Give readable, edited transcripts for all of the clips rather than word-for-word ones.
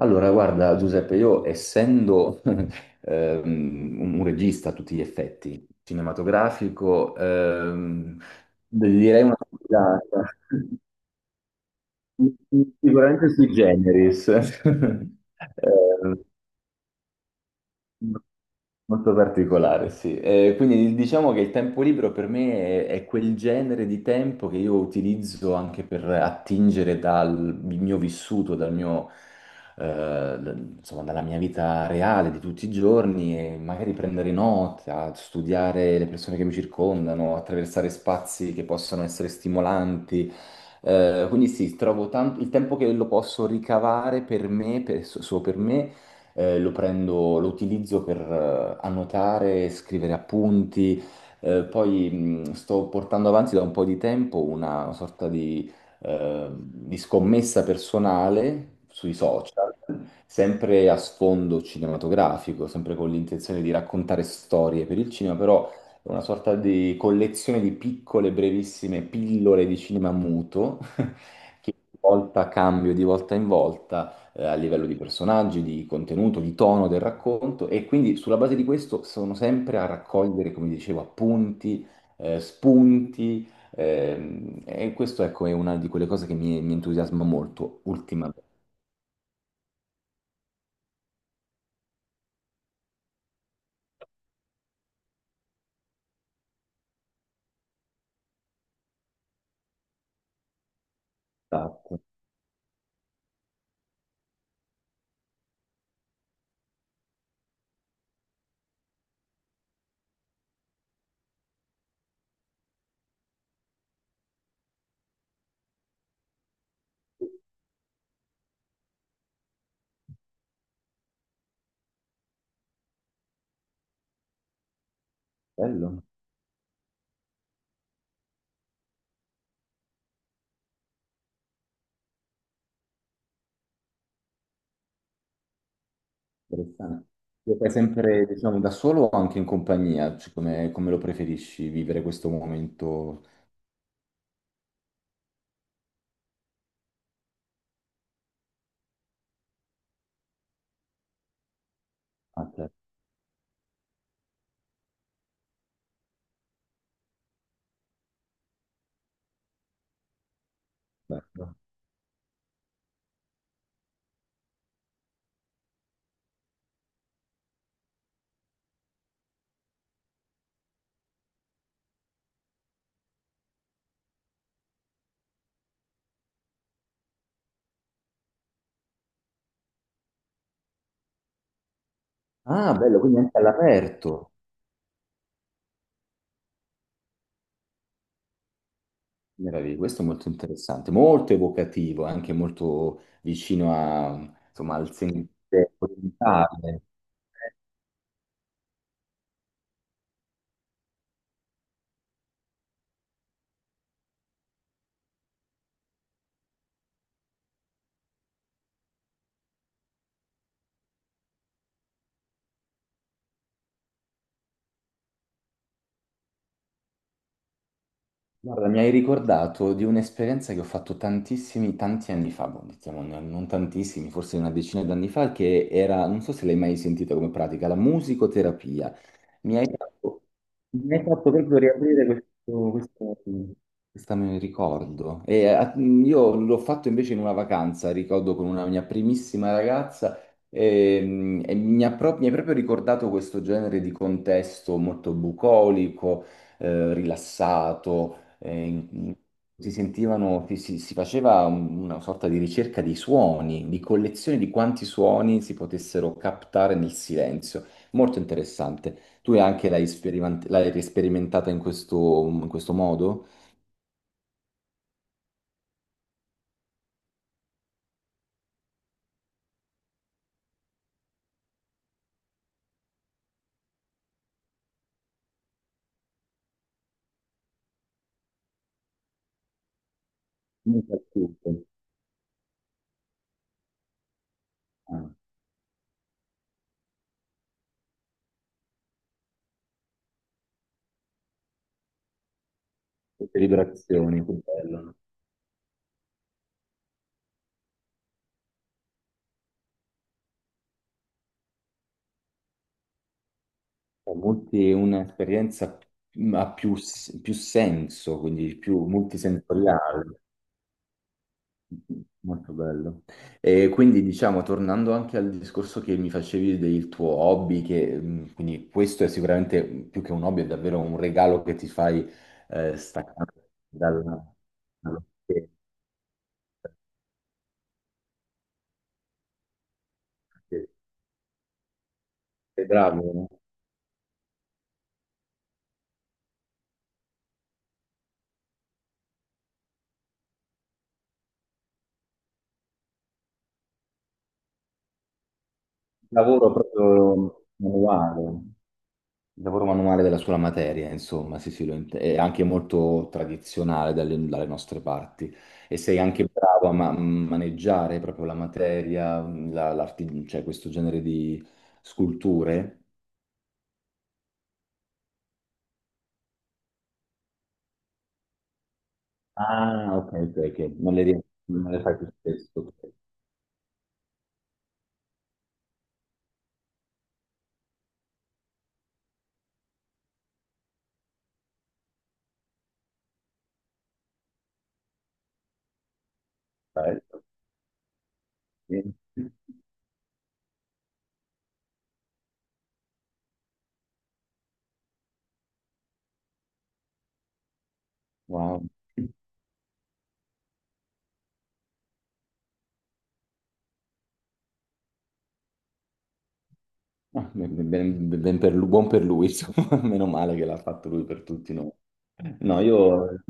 Allora, guarda, Giuseppe, io essendo un regista a tutti gli effetti, cinematografico, direi una sfilata. Sicuramente sui generis. Eh, Molto particolare, sì. Quindi diciamo che il tempo libero per me è quel genere di tempo che io utilizzo anche per attingere dal mio vissuto, eh, da- insomma, dalla mia vita reale di tutti i giorni e magari prendere nota, studiare le persone che mi circondano, attraversare spazi che possono essere stimolanti. Quindi sì, trovo tanto il tempo che lo posso ricavare per me, solo per me lo prendo, lo utilizzo per annotare, scrivere appunti. Poi sto portando avanti da un po' di tempo una sorta di scommessa personale sui social, sempre a sfondo cinematografico, sempre con l'intenzione di raccontare storie per il cinema, però è una sorta di collezione di piccole, brevissime pillole di cinema muto che di volta cambio di volta in volta a livello di personaggi, di contenuto, di tono del racconto e quindi sulla base di questo sono sempre a raccogliere, come dicevo, appunti, spunti e questo ecco è una di quelle cose che mi entusiasma molto ultimamente. Esatto. Bello, interessante. Lo fai sempre, diciamo, da solo o anche in compagnia? Cioè, come lo preferisci vivere questo momento? A te? Bello. Ah, bello, quindi anche all'aperto. Meraviglia, questo è molto interessante, molto evocativo, anche molto vicino a, insomma, al sentire orientale. Guarda, mi hai ricordato di un'esperienza che ho fatto tantissimi, tanti anni fa, boh, diciamo, non tantissimi, forse una decina d'anni fa, che era, non so se l'hai mai sentita come pratica, la musicoterapia. Mi hai fatto, Mi hai fatto proprio riaprire questo, questo- questo ricordo. Io l'ho fatto invece in una vacanza, ricordo con una mia primissima ragazza, mi ha mi hai proprio ricordato questo genere di contesto molto bucolico, rilassato. eh, in- si sentivano, si faceva una sorta di ricerca di suoni, di collezione di quanti suoni si potessero captare nel silenzio. Molto interessante. Tu anche l'hai sperimentata in in questo modo? Non per tutte. Ah, queste vibrazioni, che bello, no? Cioè, un'esperienza ha più, più senso, quindi più multisensoriale. Molto bello. E quindi diciamo, tornando anche al discorso che mi facevi del tuo hobby, che quindi questo è sicuramente più che un hobby, è davvero un regalo che ti fai staccando dalla- dallo schermo. Sei bravo, il lavoro proprio manuale, il lavoro manuale della sola materia, insomma, sì, sì, lo è anche molto tradizionale dalle nostre parti. E sei anche bravo a maneggiare proprio la materia, cioè questo genere di sculture? Ah, ok, ok, ok, non le fai più spesso. Ok. Bello. Sì. Wow. Buon per lui, insomma, meno male che l'ha fatto lui per tutti noi. No, io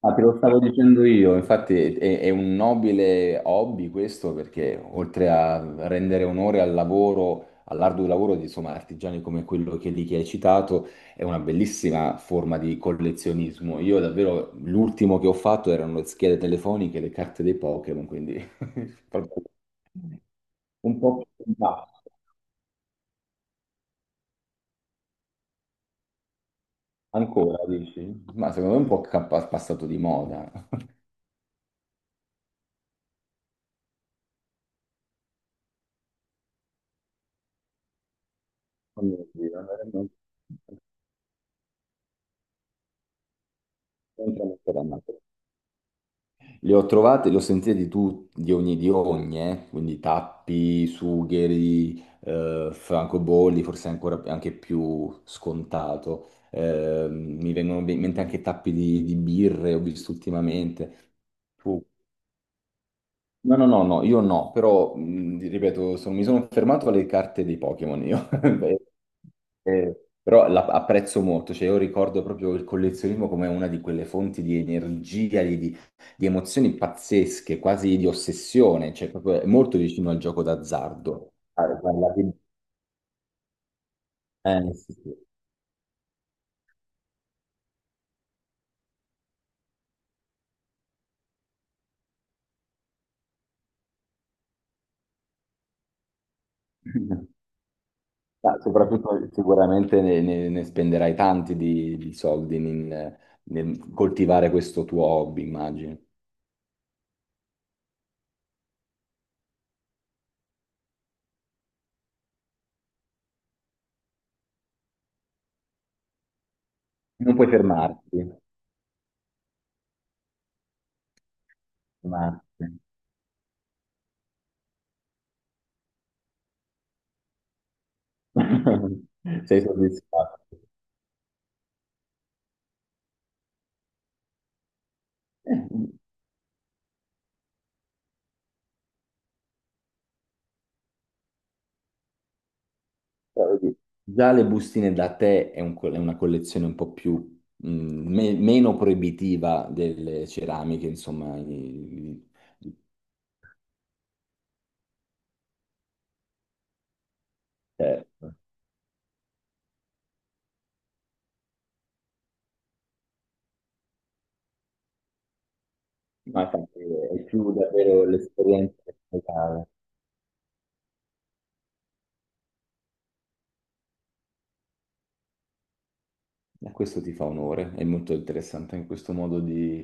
ah, te lo stavo dicendo io, infatti è un nobile hobby questo perché oltre a rendere onore al lavoro, all'arduo lavoro di insomma, artigiani come quello che lì che hai citato, è una bellissima forma di collezionismo. Io davvero l'ultimo che ho fatto erano le schede telefoniche, le carte dei Pokémon, quindi proprio un po'. Ancora, dici? Ma secondo me è un po' passato di moda. Oh mio Dio, non sono ancora nato. Li ho trovati, li ho sentiti di di ogni, quindi tappi, sugheri, francobolli, forse ancora anche più scontato. Mi vengono in mente anche tappi di birre, ho visto ultimamente. No, io no, però ripeto, mi sono fermato alle carte dei Pokémon io. Beh, però apprezzo molto, cioè io ricordo proprio il collezionismo come una di quelle fonti di energia, di emozioni pazzesche, quasi di ossessione, cioè proprio è molto vicino al gioco d'azzardo. Ah, guarda, che- sì, sì. Ma soprattutto sicuramente ne spenderai tanti di soldi nel nel coltivare questo tuo hobby, immagino. Non puoi fermarti. Sei soddisfatto. Eh, però vedi, già le bustine da tè è una collezione un po' più, meno proibitiva delle ceramiche, insomma. I- eh. Ma infatti è più davvero l'esperienza che si cava. E questo ti fa onore, è molto interessante anche questo modo di,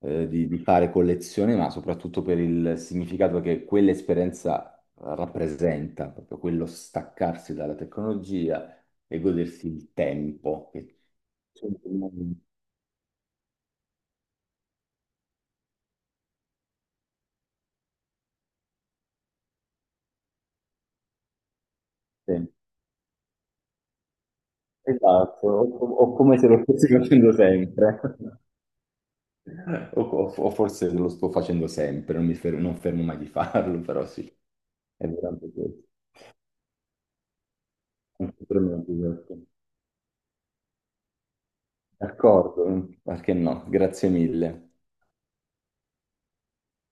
di fare collezione, ma soprattutto per il significato che quell'esperienza rappresenta, proprio quello staccarsi dalla tecnologia e godersi il tempo. Che- sì, esatto, o come se lo stessi facendo sempre, o, o forse lo sto facendo sempre, non mi non fermo mai di farlo, però sì, è veramente questo. Anche per me è un disastro. D'accordo, perché no? Grazie mille.